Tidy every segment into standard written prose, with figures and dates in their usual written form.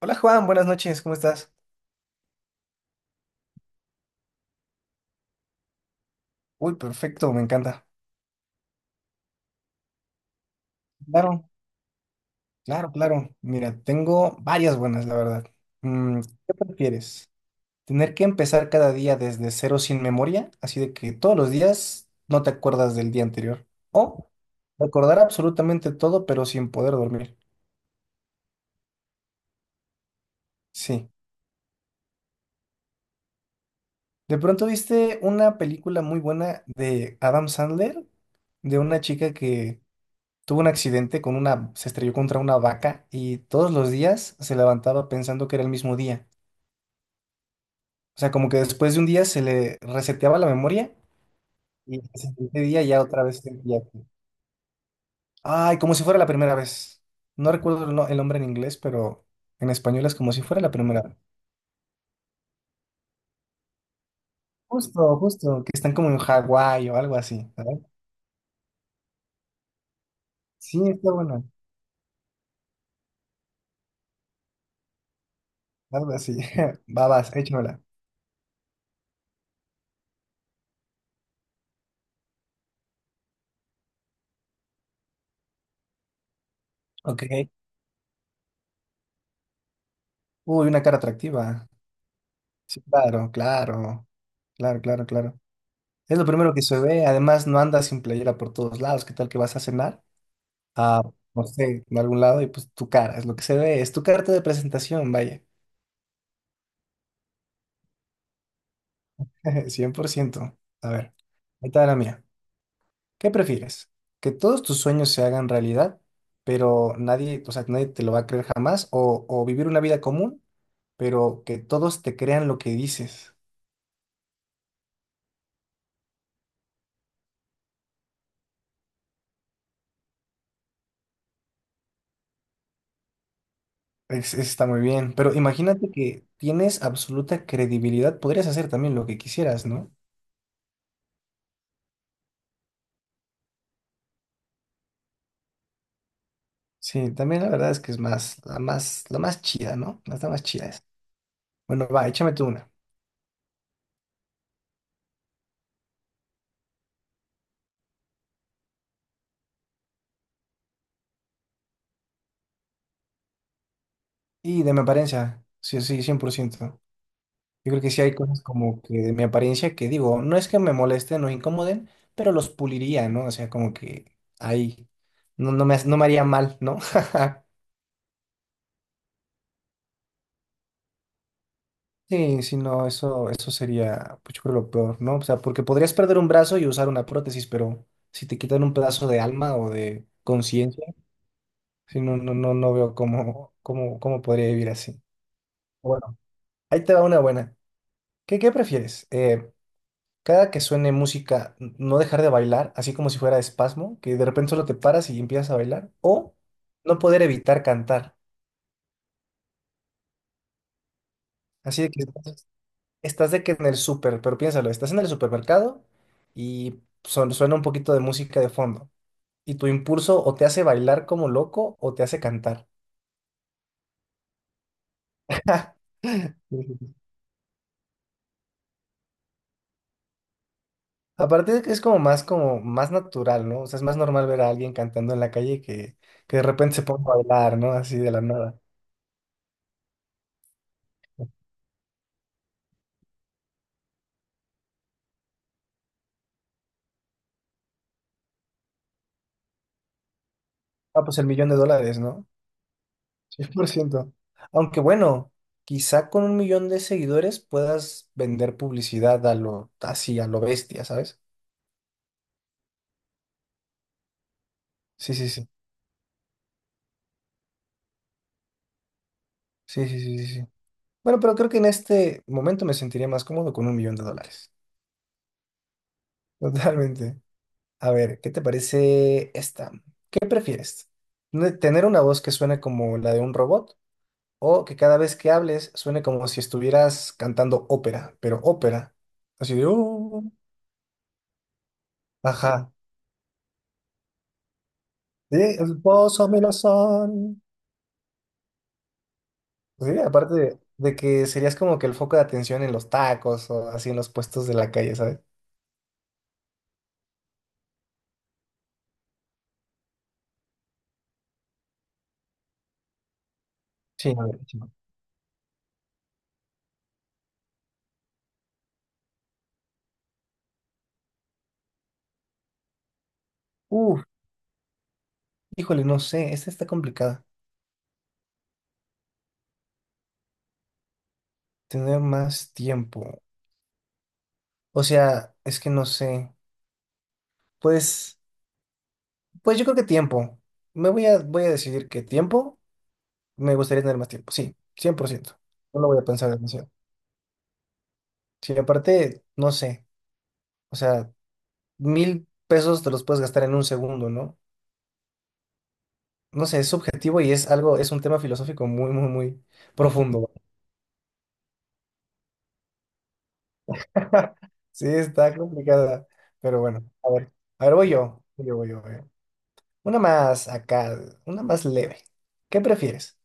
Hola Juan, buenas noches, ¿cómo estás? Uy, perfecto, me encanta. Claro, claro, claro. Mira, tengo varias buenas, la verdad. ¿Qué prefieres? ¿Tener que empezar cada día desde cero sin memoria? Así de que todos los días no te acuerdas del día anterior. ¿O recordar absolutamente todo pero sin poder dormir? Sí. De pronto viste una película muy buena de Adam Sandler, de una chica que tuvo un accidente se estrelló contra una vaca y todos los días se levantaba pensando que era el mismo día. O sea, como que después de un día se le reseteaba la memoria y el siguiente día ya otra vez sentía que. Ay, como si fuera la primera vez. No recuerdo el, no- el nombre en inglés, pero en español es como si fuera la primera vez. Justo, justo, que están como en Hawái o algo así, ¿sabes? Sí, está bueno, algo así. Babas, échamela. Ok. Uy, una cara atractiva. Sí, claro, claro. Claro, claro, claro. Es lo primero que se ve. Además, no andas sin playera por todos lados. ¿Qué tal que vas a cenar? A, no sé, a algún lado y pues tu cara es lo que se ve. Es tu carta de presentación, vaya. 100%. A ver, ahí está la mía. ¿Qué prefieres? ¿Que todos tus sueños se hagan realidad, pero nadie, o sea, nadie te lo va a creer jamás? ¿O vivir una vida común, pero que todos te crean lo que dices? Está muy bien. Pero imagínate que tienes absoluta credibilidad. Podrías hacer también lo que quisieras, ¿no? Sí, también la verdad es que es más, la más chida, ¿no? La está más chida es. Bueno, va, échame tú una. Y de mi apariencia, sí, sí, 100%. Yo creo que sí hay cosas como que de mi apariencia que digo, no es que me molesten o incomoden, pero los puliría, ¿no? O sea, como que ahí no, no me haría mal, ¿no? Sí, sí, no, eso sería, pues yo creo lo peor, ¿no? O sea, porque podrías perder un brazo y usar una prótesis, pero si te quitan un pedazo de alma o de conciencia, sí, no, no, no, no veo cómo podría vivir así. Bueno, ahí te va una buena. ¿Qué prefieres? Cada que suene música, no dejar de bailar, así como si fuera espasmo, que de repente solo te paras y empiezas a bailar, o no poder evitar cantar. Así de que estás de que en el súper, pero piénsalo, estás en el supermercado y suena un poquito de música de fondo. Y tu impulso o te hace bailar como loco o te hace cantar. Aparte de que es como más natural, ¿no? O sea, es más normal ver a alguien cantando en la calle que de repente se ponga a bailar, ¿no? Así de la nada. Ah, pues el 1 millón de dólares, ¿no? Cien por ciento. Aunque bueno, quizá con un 1 millón de seguidores puedas vender publicidad a lo, así, a lo bestia, ¿sabes? Sí, sí, sí. Sí, sí, sí, sí, sí. Bueno, pero creo que en este momento me sentiría más cómodo con un 1 millón de dólares. Totalmente. A ver, ¿qué te parece esta? ¿Qué prefieres? ¿Tener una voz que suene como la de un robot? O que cada vez que hables suene como si estuvieras cantando ópera, pero ópera. Así de, ajá. Sí, el pozo me lo son. Sí, aparte de que serías como que el foco de atención en los tacos o así en los puestos de la calle, ¿sabes? Sí, a ver, sí. Uf, híjole, no sé, esta está complicada. Tener más tiempo. O sea, es que no sé. Pues, pues yo creo que tiempo. Me voy a decidir que tiempo, me gustaría tener más tiempo. Sí, 100%. No lo voy a pensar demasiado. Sí, aparte, no sé, o sea, 1,000 pesos te los puedes gastar en un segundo, ¿no? No sé, es subjetivo y es algo, es un tema filosófico muy, muy, muy profundo. Sí, está complicada, pero bueno, a ver, voy yo. Una más acá, una más leve. ¿Qué prefieres?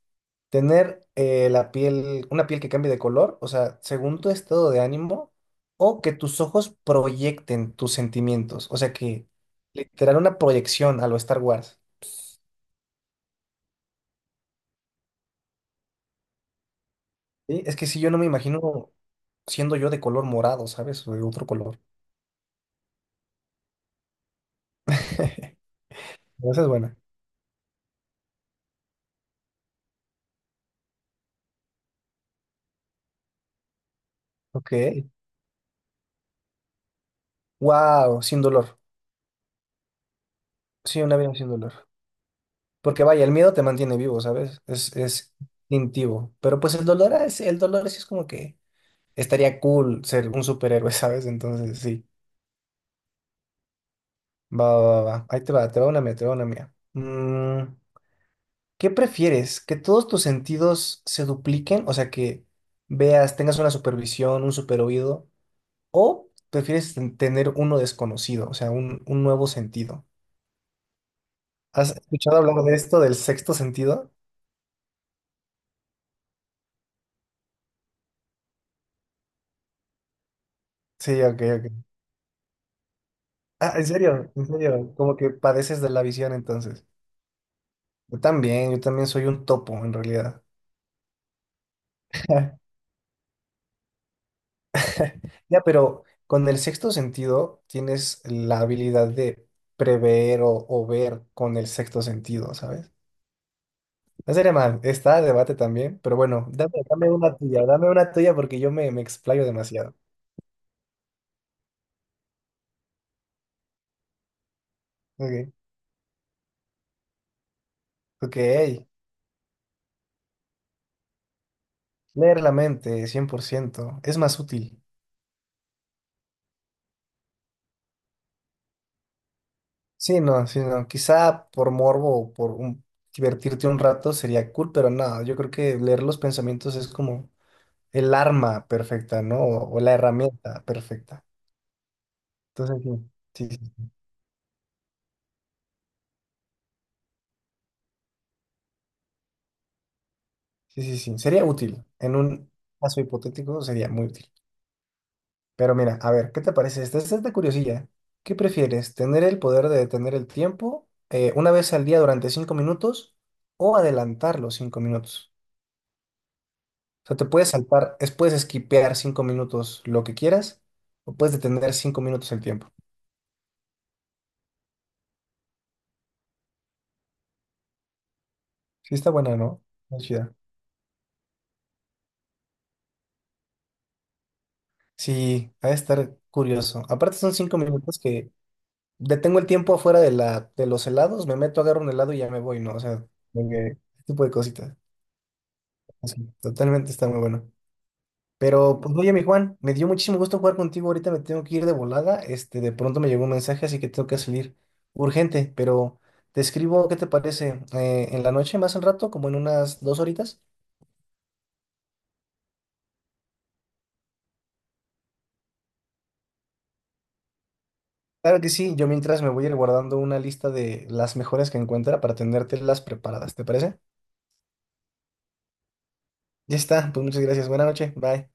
¿Tener la piel, una piel que cambie de color, o sea, según tu estado de ánimo, o que tus ojos proyecten tus sentimientos? O sea, que literal una proyección a lo Star Wars. Sí, es que si yo no me imagino siendo yo de color morado, ¿sabes? O de otro color. Esa es buena. Ok. Wow, sin dolor. Sí, una vida sin dolor. Porque vaya, el miedo te mantiene vivo, ¿sabes? Es instintivo. Pero pues el dolor sí es como que estaría cool ser un superhéroe, ¿sabes? Entonces, sí. Va, va, va, va. Ahí te va una mía, te va una mía. ¿Qué prefieres? ¿Que todos tus sentidos se dupliquen? O sea, que veas, tengas una supervisión, un superoído. ¿O prefieres tener uno desconocido, o sea, un nuevo sentido? ¿Has escuchado hablar de esto, del sexto sentido? Sí, ok, ok. Ah, en serio, como que padeces de la visión entonces. Yo también soy un topo en realidad. Ya, pero con el sexto sentido tienes la habilidad de prever o ver con el sexto sentido, ¿sabes? No sería mal, está a debate también, pero bueno, dame una tuya porque yo me explayo demasiado. Ok, ok. Leer la mente, 100% es más útil. Sí, no, sí, no. Quizá por morbo o por divertirte un rato sería cool, pero no, yo creo que leer los pensamientos es como el arma perfecta, ¿no? O la herramienta perfecta. Entonces, sí, sí, sí, sí, sí, sí, sería útil. En un caso hipotético sería muy útil. Pero mira, a ver, ¿qué te parece esta? Esta es de curiosidad. ¿Qué prefieres? ¿Tener el poder de detener el tiempo una vez al día durante 5 minutos o adelantar los 5 minutos? O sea, te puedes saltar, puedes esquipear 5 minutos lo que quieras o puedes detener 5 minutos el tiempo. Sí, está buena, ¿no? Está chida. Sí, ha de estar curioso. Aparte son 5 minutos que detengo el tiempo afuera de de los helados, me meto, agarro un helado y ya me voy, ¿no? O sea, como que ese tipo de cositas. Sí, totalmente está muy bueno. Pero, pues, oye, mi Juan, me dio muchísimo gusto jugar contigo. Ahorita me tengo que ir de volada. Este, de pronto me llegó un mensaje, así que tengo que salir urgente. Pero te escribo, ¿qué te parece? En la noche, más al rato, como en unas 2 horitas. Claro que sí, yo mientras me voy a ir guardando una lista de las mejores que encuentra para tenértelas preparadas. ¿Te parece? Ya está, pues muchas gracias. Buenas noches, bye.